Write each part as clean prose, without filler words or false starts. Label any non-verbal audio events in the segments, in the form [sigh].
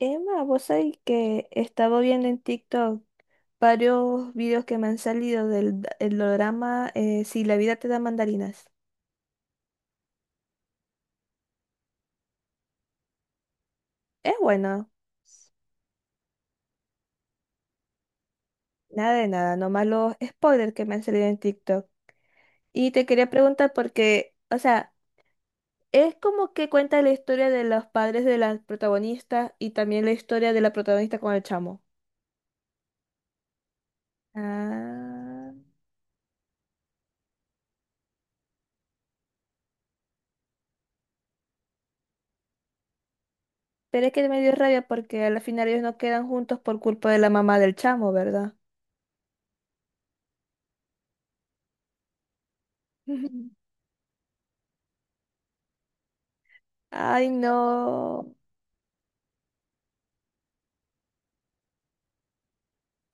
Emma, vos sabés que estaba viendo en TikTok varios videos que me han salido el drama Si la vida te da mandarinas. Es bueno, nada de nada, nomás los spoilers que me han salido en TikTok. Y te quería preguntar porque, o sea, es como que cuenta la historia de los padres de la protagonista y también la historia de la protagonista con el chamo. Ah, pero es que me dio rabia porque al final ellos no quedan juntos por culpa de la mamá del chamo, ¿verdad? [laughs] Ay, no.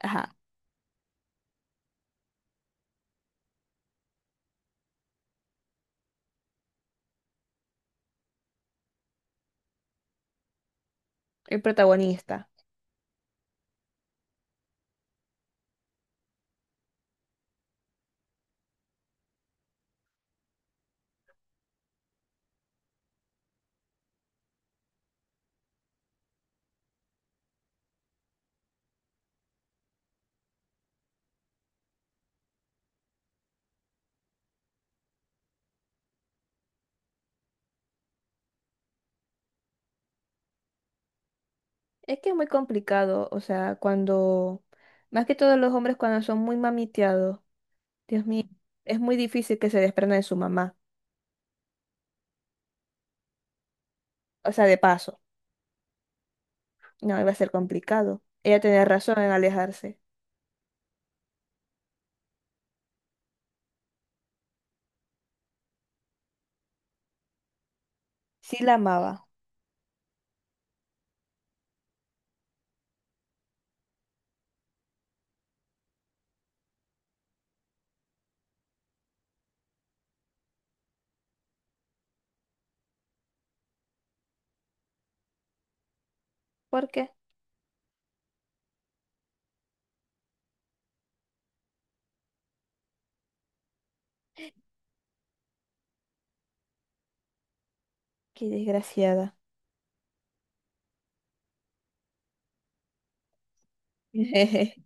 Ajá, el protagonista. Es que es muy complicado, o sea, cuando, más que todos los hombres cuando son muy mamiteados, Dios mío, es muy difícil que se desprendan de su mamá. O sea, de paso, no, iba a ser complicado. Ella tenía razón en alejarse. Sí la amaba. ¿Por qué? Qué desgraciada. [laughs]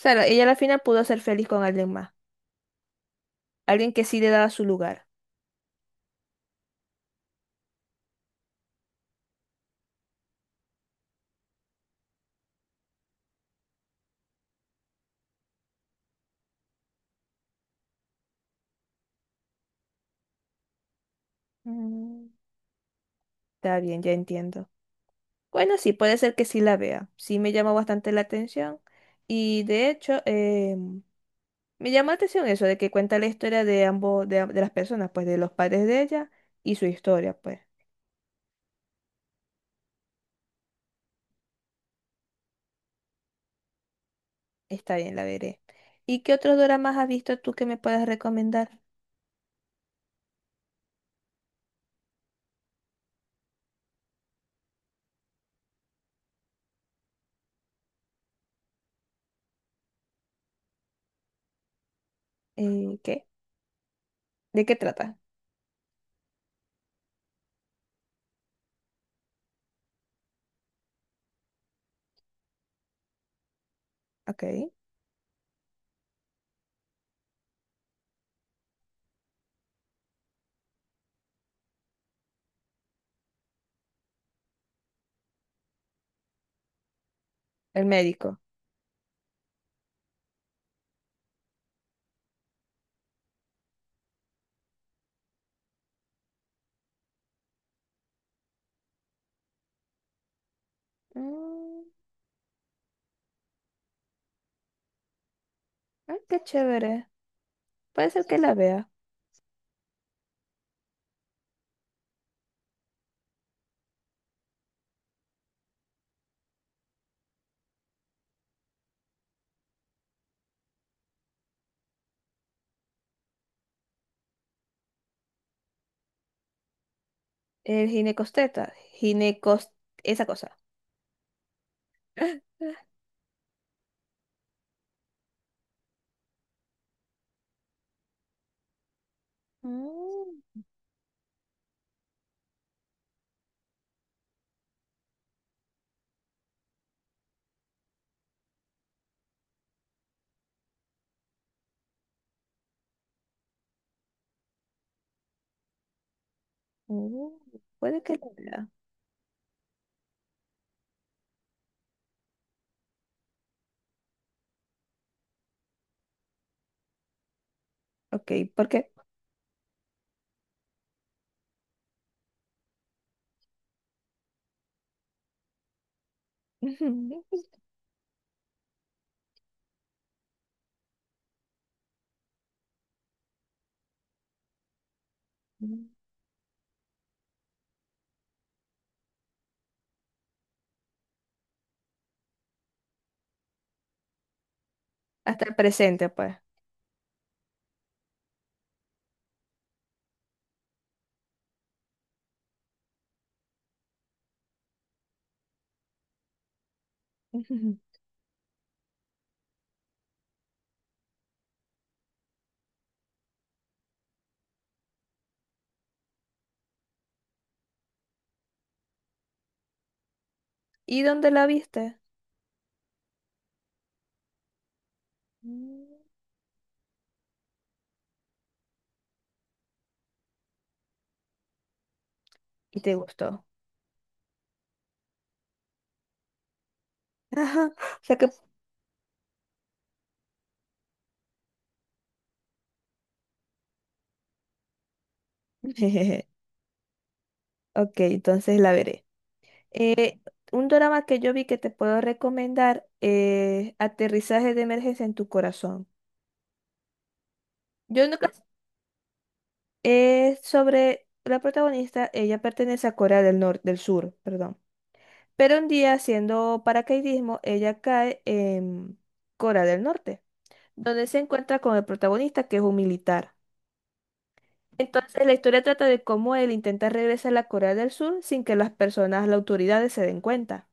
Claro, ella al final pudo ser feliz con alguien más, alguien que sí le daba su lugar. Mm, está bien, ya entiendo. Bueno, sí, puede ser que sí la vea. Sí me llamó bastante la atención. Y de hecho, me llamó la atención eso de que cuenta la historia de ambos, de las personas, pues de los padres de ella y su historia, pues. Está bien, la veré. ¿Y qué otros doramas has visto tú que me puedas recomendar? ¿Qué? ¿De qué trata? Ok. El médico. Mm, ay, qué chévere. Puede ser que la vea. El ginecosteta. Ginecos... Esa cosa. [laughs] Mm, mm, puede que la vea. Ok, ¿por qué? [laughs] Ujú. Hasta el presente, pues. Ujú. ¿Y dónde la viste? Mm. Y te gustó. Ajá, [laughs] o sea que... [laughs] Ok, entonces la veré. Eh, un drama que yo vi que te puedo recomendar es Aterrizaje de emergencia en tu corazón. Yo nunca... Es sobre la protagonista, ella pertenece a Corea del Norte, del Sur, perdón. Pero un día haciendo paracaidismo, ella cae en Corea del Norte, donde se encuentra con el protagonista, que es un militar. Entonces, la historia trata de cómo él intenta regresar a la Corea del Sur sin que las personas, las autoridades se den cuenta.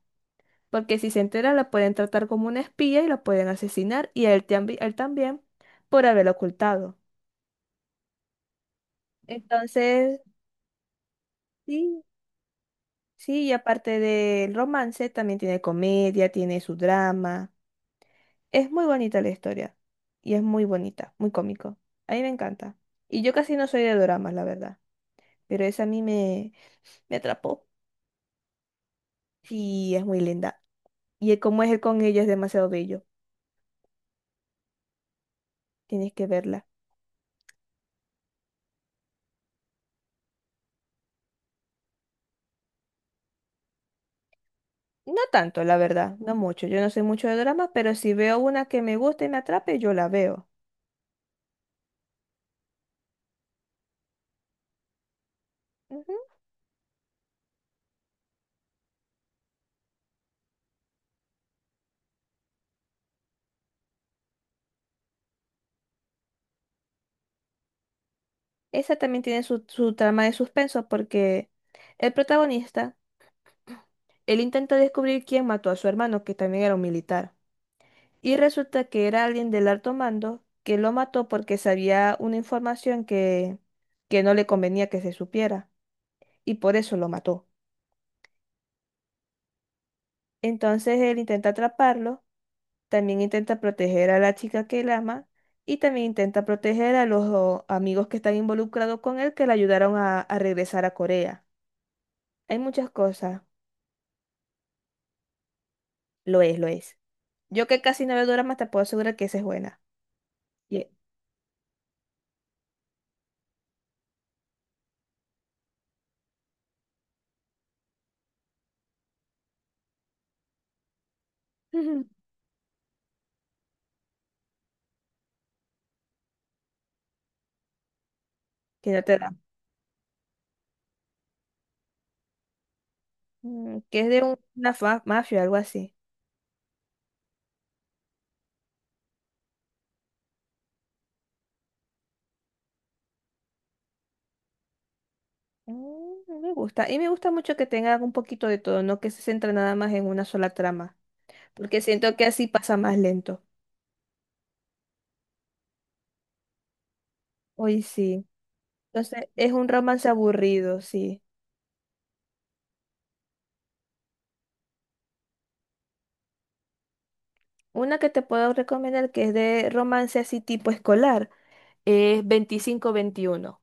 Porque si se entera, la pueden tratar como una espía y la pueden asesinar, y a él, él también, por haberlo ocultado. Entonces, sí, sí, y aparte del romance, también tiene comedia, tiene su drama. Es muy bonita la historia. Y es muy bonita, muy cómico. A mí me encanta. Y yo casi no soy de dramas, la verdad. Pero esa a mí me, me atrapó. Sí, es muy linda. Y el cómo es él con ella es demasiado bello. Tienes que verla. No tanto, la verdad, no mucho. Yo no sé mucho de dramas, pero si veo una que me gusta y me atrape, yo la veo. Ujú. Esa también tiene su, su trama de suspenso porque el protagonista, él intenta descubrir quién mató a su hermano, que también era un militar. Y resulta que era alguien del alto mando que lo mató porque sabía una información que no le convenía que se supiera. Y por eso lo mató. Entonces él intenta atraparlo, también intenta proteger a la chica que él ama y también intenta proteger a los o, amigos que están involucrados con él que le ayudaron a regresar a Corea. Hay muchas cosas. Lo es, lo es. Yo que casi no veo dramas te puedo asegurar que esa es buena. Y- ujú. Que no te da. Mm, que es de una mafia, algo así. Mm, no me gusta. Y me gusta mucho que tenga un poquito de todo, no que se centre nada más en una sola trama. Porque siento que así pasa más lento. Hoy sí. Entonces, es un romance aburrido, sí. Una que te puedo recomendar que es de romance así tipo escolar es 25-21.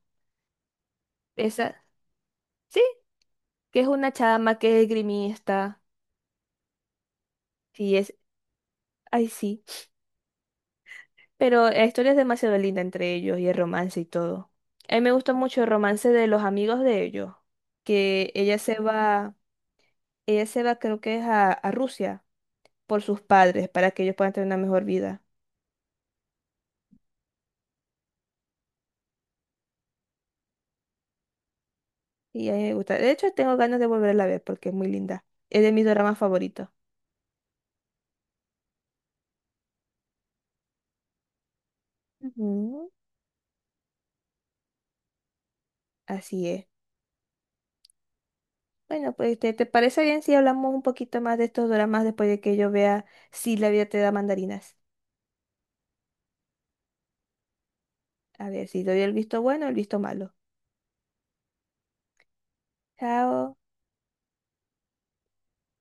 Esa, sí, que es una chama que es grimista. Sí, es, ay, sí. Pero la historia es demasiado linda entre ellos y el romance y todo. A mí me gusta mucho el romance de los amigos de ellos, que ella se va, creo que es a Rusia por sus padres para que ellos puedan tener una mejor vida. Y a mí me gusta. De hecho, tengo ganas de volverla a ver porque es muy linda. Es de mis dramas favoritos. Ujú, así es. Bueno, pues ¿te, te parece bien si hablamos un poquito más de estos dramas después de que yo vea si la vida te da mandarinas? A ver si doy el visto bueno o el visto malo. Chao.